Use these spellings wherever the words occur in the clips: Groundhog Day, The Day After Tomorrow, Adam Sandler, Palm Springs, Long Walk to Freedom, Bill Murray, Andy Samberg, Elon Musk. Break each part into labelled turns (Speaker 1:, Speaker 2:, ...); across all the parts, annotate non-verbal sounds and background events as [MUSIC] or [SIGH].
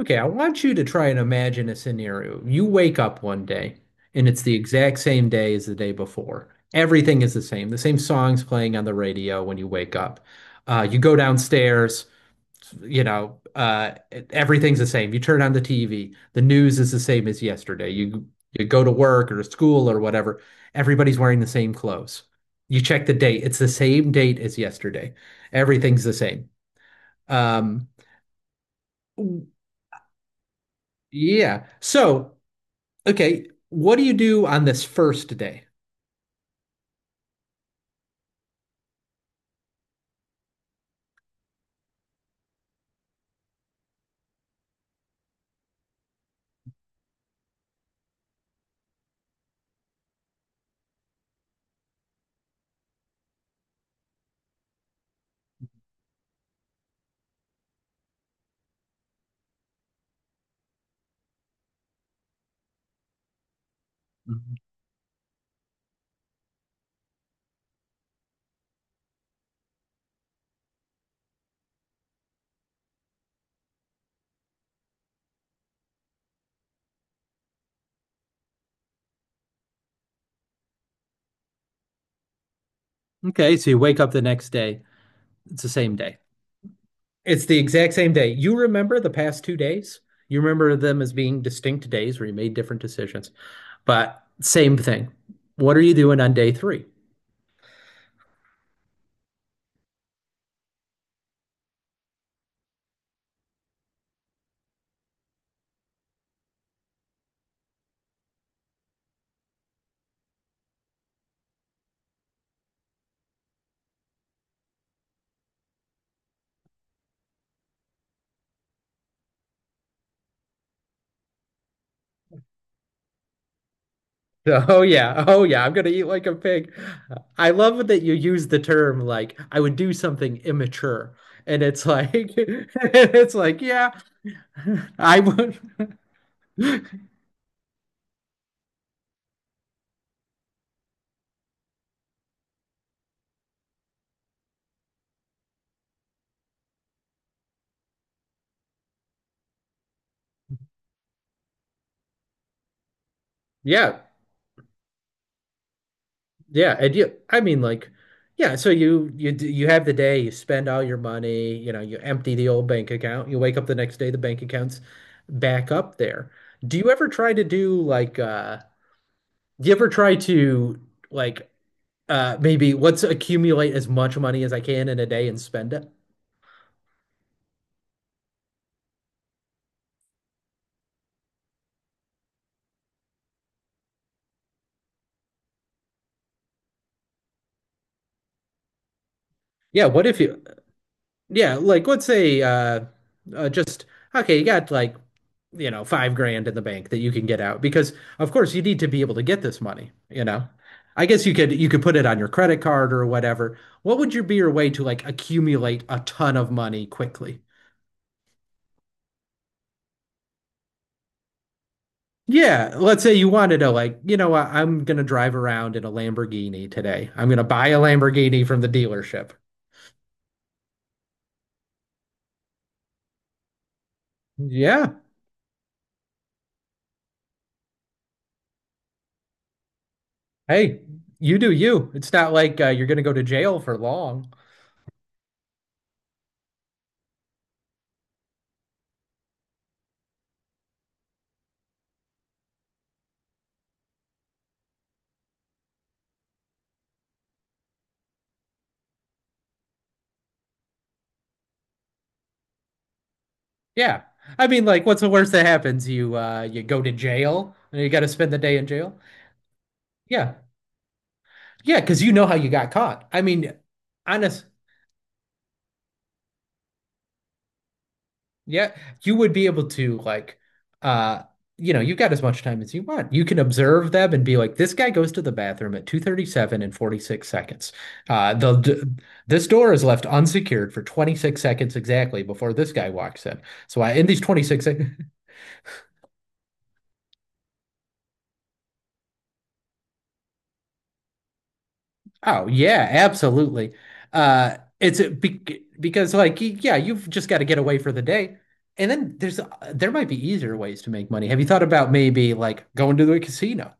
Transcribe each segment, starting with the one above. Speaker 1: Okay, I want you to try and imagine a scenario. You wake up one day and it's the exact same day as the day before. Everything is the same. The same songs playing on the radio when you wake up. You go downstairs, you know, uh, everything's the same. You turn on the TV. The news is the same as yesterday. You go to work or to school or whatever. Everybody's wearing the same clothes. You check the date. It's the same date as yesterday. Everything's the same. Um, yeah. So, okay, what do you do on this first day? Mhm. Okay, so you wake up the next day. It's the same day. It's the exact same day. You remember the past 2 days? You remember them as being distinct days where you made different decisions, but same thing. What are you doing on day three? [LAUGHS] Oh yeah. Oh yeah. I'm gonna eat like a pig. I love that you use the term like I would do something immature. And it's like [LAUGHS] it's like, yeah, [LAUGHS] I would. Yeah. Yeah. And you I mean, like, yeah, so you have the day, you spend all your money, you empty the old bank account, you wake up the next day, the bank account's back up there. Do you ever try to do like uh do you ever try to like Maybe let's accumulate as much money as I can in a day and spend it. Yeah, what if you yeah, like let's say just okay, you got like, 5 grand in the bank that you can get out because of course you need to be able to get this money. I guess you could put it on your credit card or whatever. What would your be your way to like accumulate a ton of money quickly? Yeah, let's say you wanted to like, you know what, I'm gonna drive around in a Lamborghini today. I'm gonna buy a Lamborghini from the dealership. Yeah. Hey, you do you. It's not like you're gonna go to jail for long. Yeah. I mean, like, what's the worst that happens? You go to jail and you got to spend the day in jail. Yeah. Yeah, because you know how you got caught. I mean, honest. Yeah, you would be able to like uh you've got as much time as you want. You can observe them and be like, this guy goes to the bathroom at 2:37 and 46 seconds. Uh the d- this door is left unsecured for 26 seconds exactly before this guy walks in. So I in these 26 sec [LAUGHS] Oh, yeah, absolutely. It's a, be Because like yeah, you've just got to get away for the day. And then there might be easier ways to make money. Have you thought about maybe like going to the casino?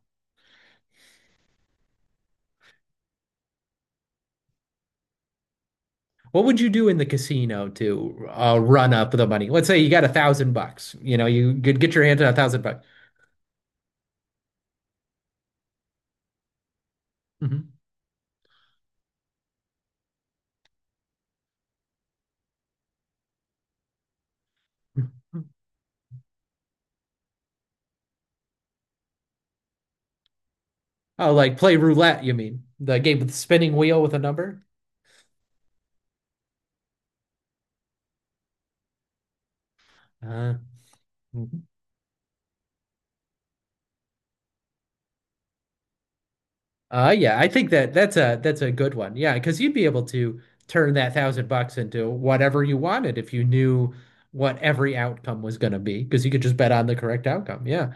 Speaker 1: What would you do in the casino to run up the money? Let's say you got $1,000. You know, you could get your hand on $1,000. Mhm. Oh, like play roulette, you mean? The game with the spinning wheel with a number? Uh, mhm. Yeah, I think that's a good one. Yeah, because you'd be able to turn that $1,000 into whatever you wanted if you knew what every outcome was going to be, because you could just bet on the correct outcome. Yeah.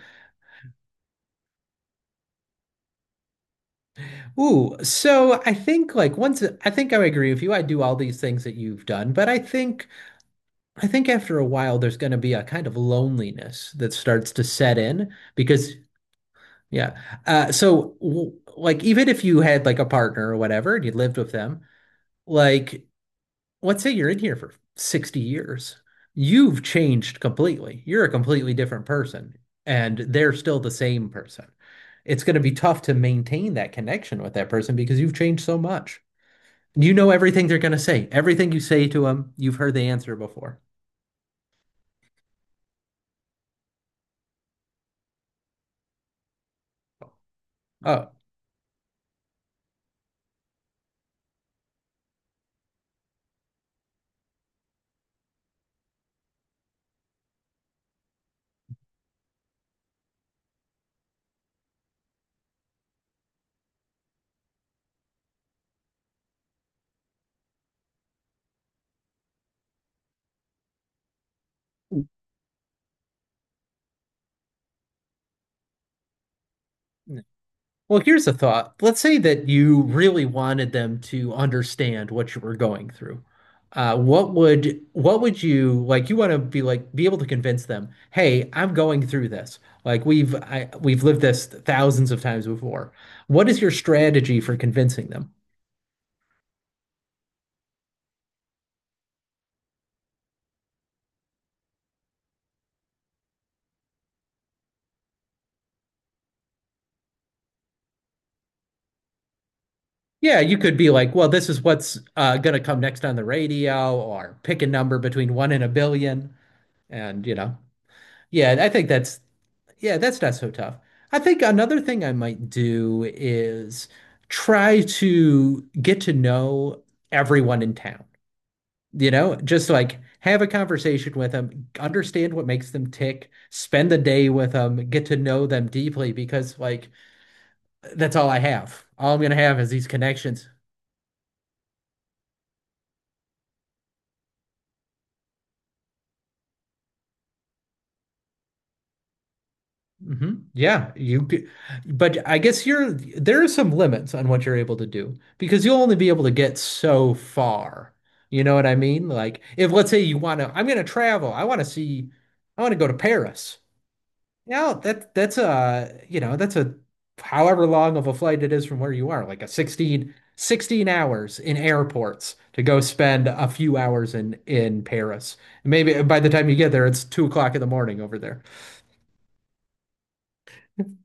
Speaker 1: Ooh, so I think like once I think I agree with you. I do all these things that you've done, but I think. I think after a while, there's going to be a kind of loneliness that starts to set in because, yeah. So, w like, even if you had like a partner or whatever and you lived with them, like, let's say you're in here for 60 years, you've changed completely. You're a completely different person, and they're still the same person. It's going to be tough to maintain that connection with that person because you've changed so much. You know everything they're going to say. Everything you say to them, you've heard the answer before. Oh. Well, here's a thought. Let's say that you really wanted them to understand what you were going through. What would you like? You want to be like be able to convince them, "Hey, I'm going through this. Like we've lived this thousands of times before." What is your strategy for convincing them? Yeah, you could be like, well, this is what's going to come next on the radio, or pick a number between one and 1 billion. And, yeah, I think that's, yeah, that's not so tough. I think another thing I might do is try to get to know everyone in town, just like have a conversation with them, understand what makes them tick, spend the day with them, get to know them deeply, because, like, that's all I have. All I'm going to have is these connections. Hmm, yeah, you could, but I guess you're there are some limits on what you're able to do because you'll only be able to get so far. You know what I mean? Like, if let's say you want to, I'm going to travel. I want to go to Paris. Now that's a however long of a flight it is from where you are, like 16 hours in airports to go spend a few hours in Paris. Maybe by the time you get there, it's 2 o'clock in the morning over there.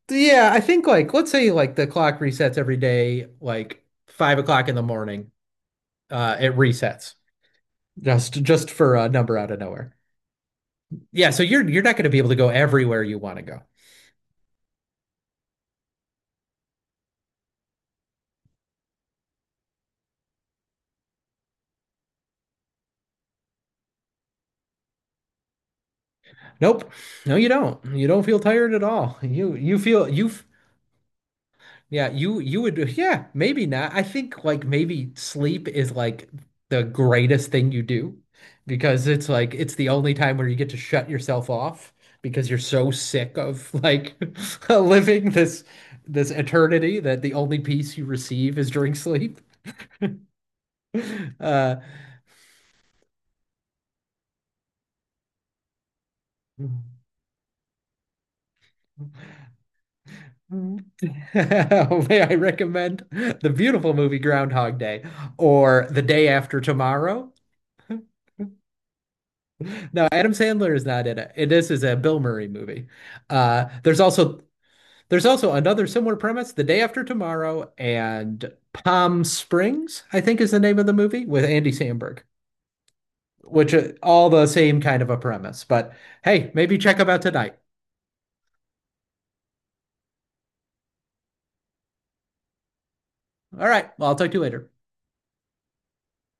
Speaker 1: Yeah, I think like let's say like the clock resets every day, like 5 o'clock in the morning. It resets just for a number out of nowhere. Yeah, so you're not going to be able to go everywhere you want to go. Nope, no, you don't. You don't feel tired at all. You feel you. Yeah, you would, yeah, maybe not. I think like maybe sleep is like the greatest thing you do because it's like it's the only time where you get to shut yourself off because you're so sick of like [LAUGHS] living this eternity that the only peace you receive is during sleep. Uh [LAUGHS] may I recommend the beautiful movie Groundhog Day or The Day After Tomorrow? No, Adam Sandler is not in it. This is a Bill Murray movie. Uh, there's also there's also another similar premise, The Day After Tomorrow and Palm Springs, I think is the name of the movie with Andy Samberg, which are all the same kind of a premise. But hey, maybe check them out tonight. All right, well, I'll talk to you later.